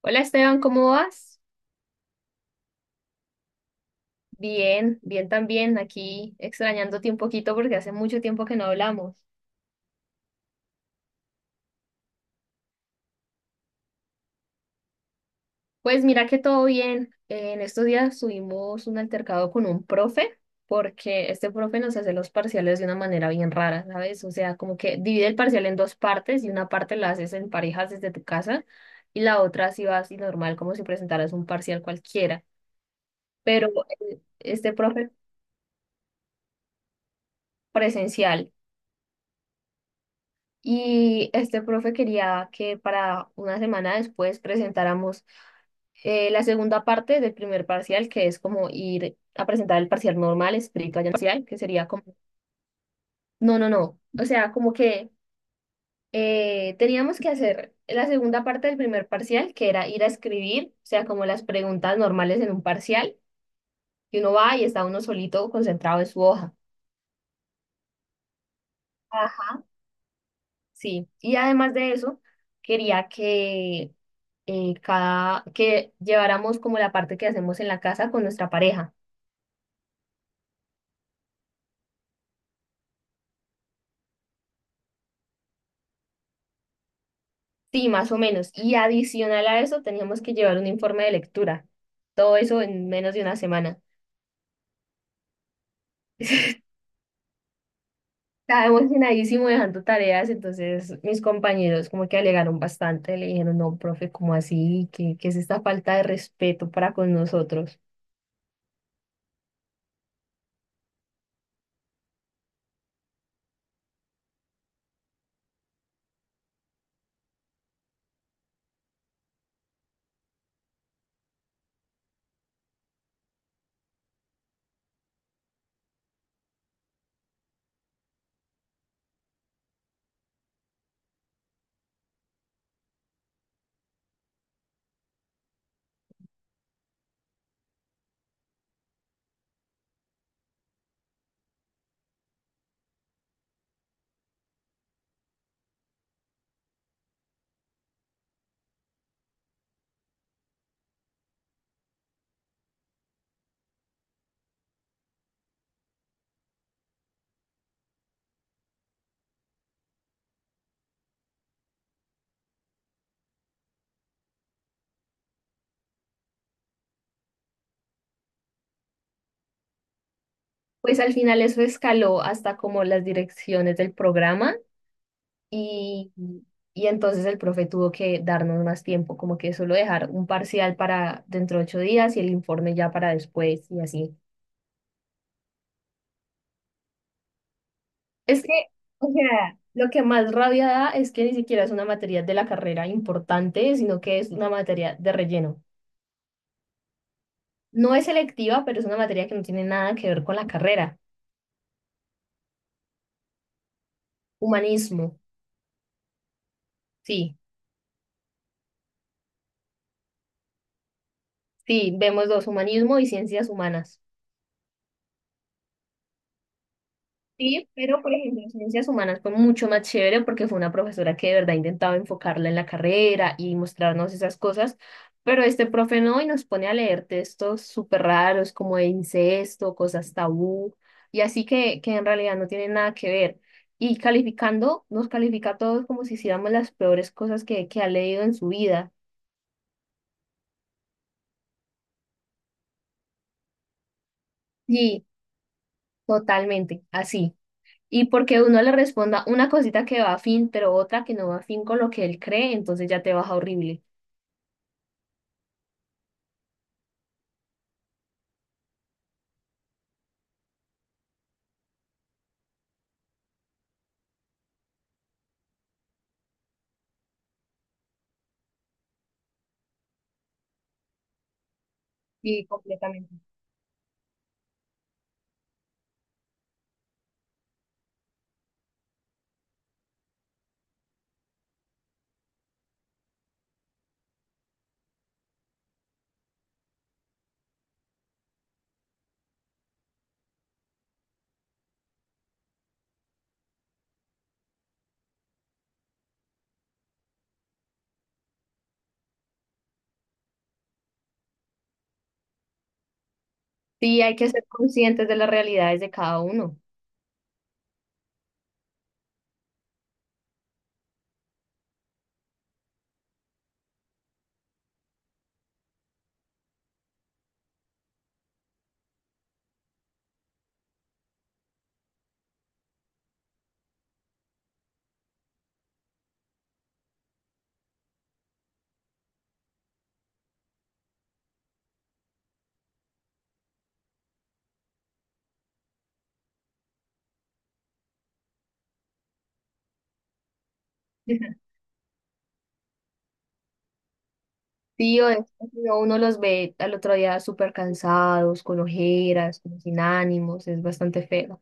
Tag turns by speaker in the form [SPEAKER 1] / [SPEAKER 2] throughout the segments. [SPEAKER 1] Hola Esteban, ¿cómo vas? Bien, bien también, aquí extrañándote un poquito porque hace mucho tiempo que no hablamos. Pues mira que todo bien. En estos días tuvimos un altercado con un profe porque este profe nos hace los parciales de una manera bien rara, ¿sabes? O sea, como que divide el parcial en dos partes y una parte la haces en parejas desde tu casa y la otra así vas y normal como si presentaras un parcial cualquiera. Pero este profe presencial. Y este profe quería que para una semana después presentáramos la segunda parte del primer parcial, que es como ir a presentar el parcial normal, escrito allá en parcial, que sería como, no, no, no, o sea, como que teníamos que hacer la segunda parte del primer parcial, que era ir a escribir, o sea, como las preguntas normales en un parcial, y uno va y está uno solito concentrado en su hoja. Ajá. Sí, y además de eso, quería que cada, que lleváramos como la parte que hacemos en la casa con nuestra pareja. Sí, más o menos. Y adicional a eso, teníamos que llevar un informe de lectura. Todo eso en menos de una semana. Estaba emocionadísimo dejando tareas, entonces mis compañeros como que alegaron bastante, le dijeron, no, profe, ¿cómo así? ¿Qué, qué es esta falta de respeto para con nosotros? Pues al final eso escaló hasta como las direcciones del programa, Y, y entonces el profe tuvo que darnos más tiempo, como que solo dejar un parcial para dentro de 8 días y el informe ya para después y así. Es que, o sea, lo que más rabia da es que ni siquiera es una materia de la carrera importante, sino que es una materia de relleno. No es selectiva, pero es una materia que no tiene nada que ver con la carrera. Humanismo, sí, sí, vemos dos, humanismo y ciencias humanas. Sí, pero por ejemplo, en ciencias humanas fue mucho más chévere porque fue una profesora que de verdad intentaba enfocarla en la carrera y mostrarnos esas cosas, pero este profe no y nos pone a leer textos súper raros como de incesto, cosas tabú y así que en realidad no tienen nada que ver. Y calificando, nos califica a todos como si hiciéramos las peores cosas que ha leído en su vida. Sí, totalmente, así. Y porque uno le responda una cosita que va a fin, pero otra que no va a fin con lo que él cree, entonces ya te baja horrible. Sí, completamente. Sí, hay que ser conscientes de las realidades de cada uno. Sí, o es que si no, uno los ve al otro día súper cansados, con ojeras, como sin ánimos, es bastante feo.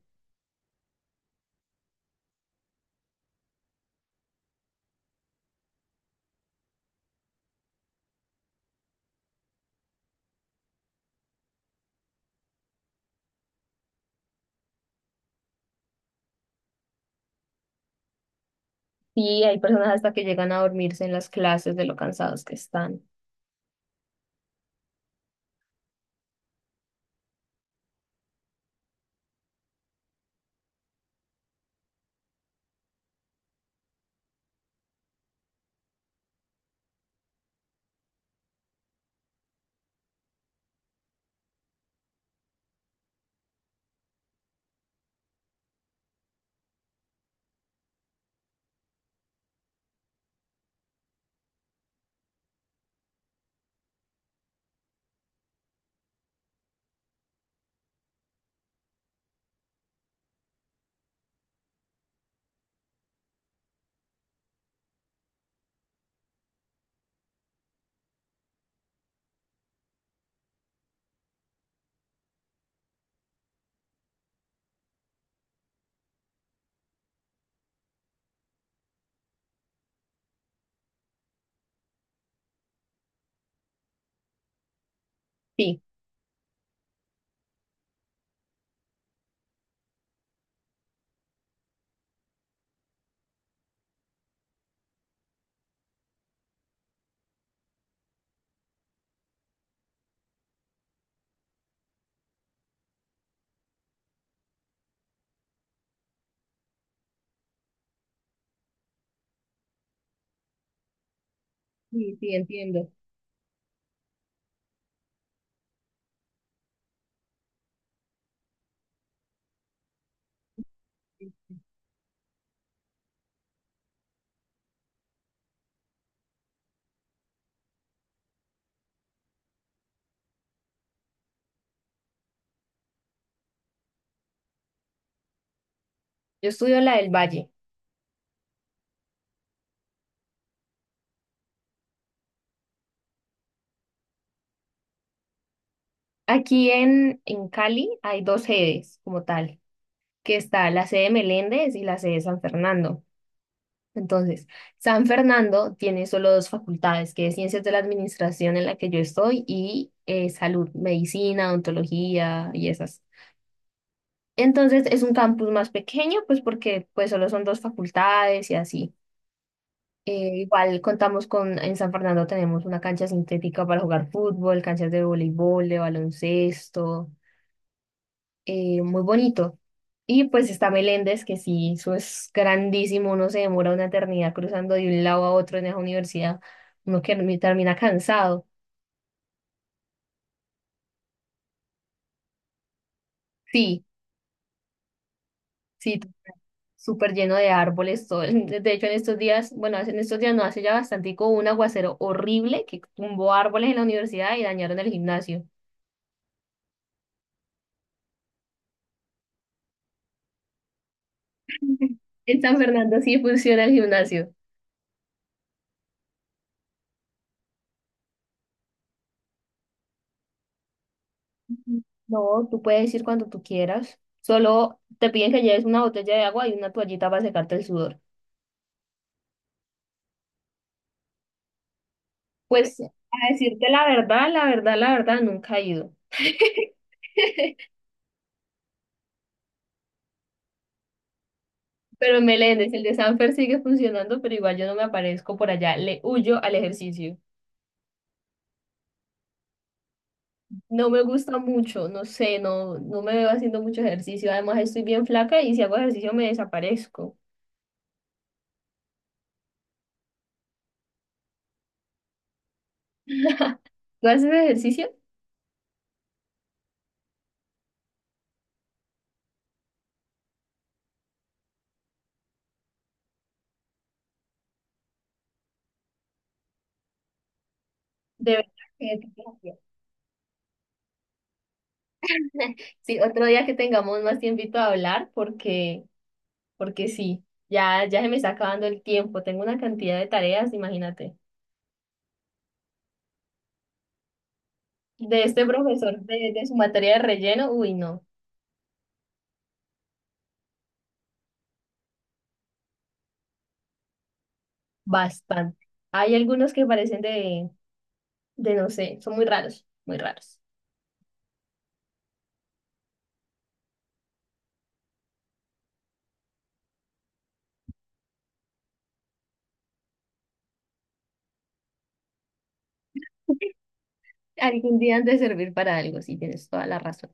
[SPEAKER 1] Sí, hay personas hasta que llegan a dormirse en las clases de lo cansados que están. Sí, sí, sí, entiendo. Yo estudio la del Valle. Aquí en Cali hay dos sedes como tal, que está la sede Meléndez y la sede San Fernando. Entonces, San Fernando tiene solo dos facultades, que es Ciencias de la Administración en la que yo estoy y Salud, Medicina, Odontología y esas. Entonces, es un campus más pequeño, pues porque pues solo son dos facultades y así. Igual contamos con, en San Fernando tenemos una cancha sintética para jugar fútbol, canchas de voleibol, de baloncesto. Muy bonito. Y pues está Meléndez, que sí, eso es grandísimo, uno se demora una eternidad cruzando de un lado a otro en esa universidad, uno que me termina cansado. Sí, sí, súper lleno de árboles, todo. El- De hecho, en estos días, bueno, hace- en estos días no, hace ya bastante, hubo un aguacero horrible que tumbó árboles en la universidad y dañaron el gimnasio. En San Fernando sí funciona el gimnasio. Ujú. No, tú puedes ir cuando tú quieras. Solo te piden que lleves una botella de agua y una toallita para secarte el sudor. Pues a decirte la verdad, la verdad, la verdad, nunca he ido. Pero en Meléndez, el de Sanfer sigue funcionando, pero igual yo no me aparezco por allá, le huyo al ejercicio. No me gusta mucho, no sé, no, no me veo haciendo mucho ejercicio. Además, estoy bien flaca y si hago ejercicio me desaparezco. ¿Tú haces ejercicio? De verdad que te cambia. Sí, otro día que tengamos más tiempito a hablar, porque, porque sí, ya, ya se me está acabando el tiempo. Tengo una cantidad de tareas, imagínate. De este profesor, de su materia de relleno, uy, no, bastante. Hay algunos que parecen de, no sé, son muy raros, muy raros. Algún día han de servir para algo, sí, tienes toda la razón.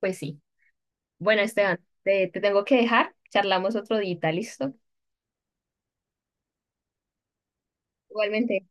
[SPEAKER 1] Pues sí. Bueno, Esteban, te tengo que dejar, charlamos otro día, ¿listo? Igualmente.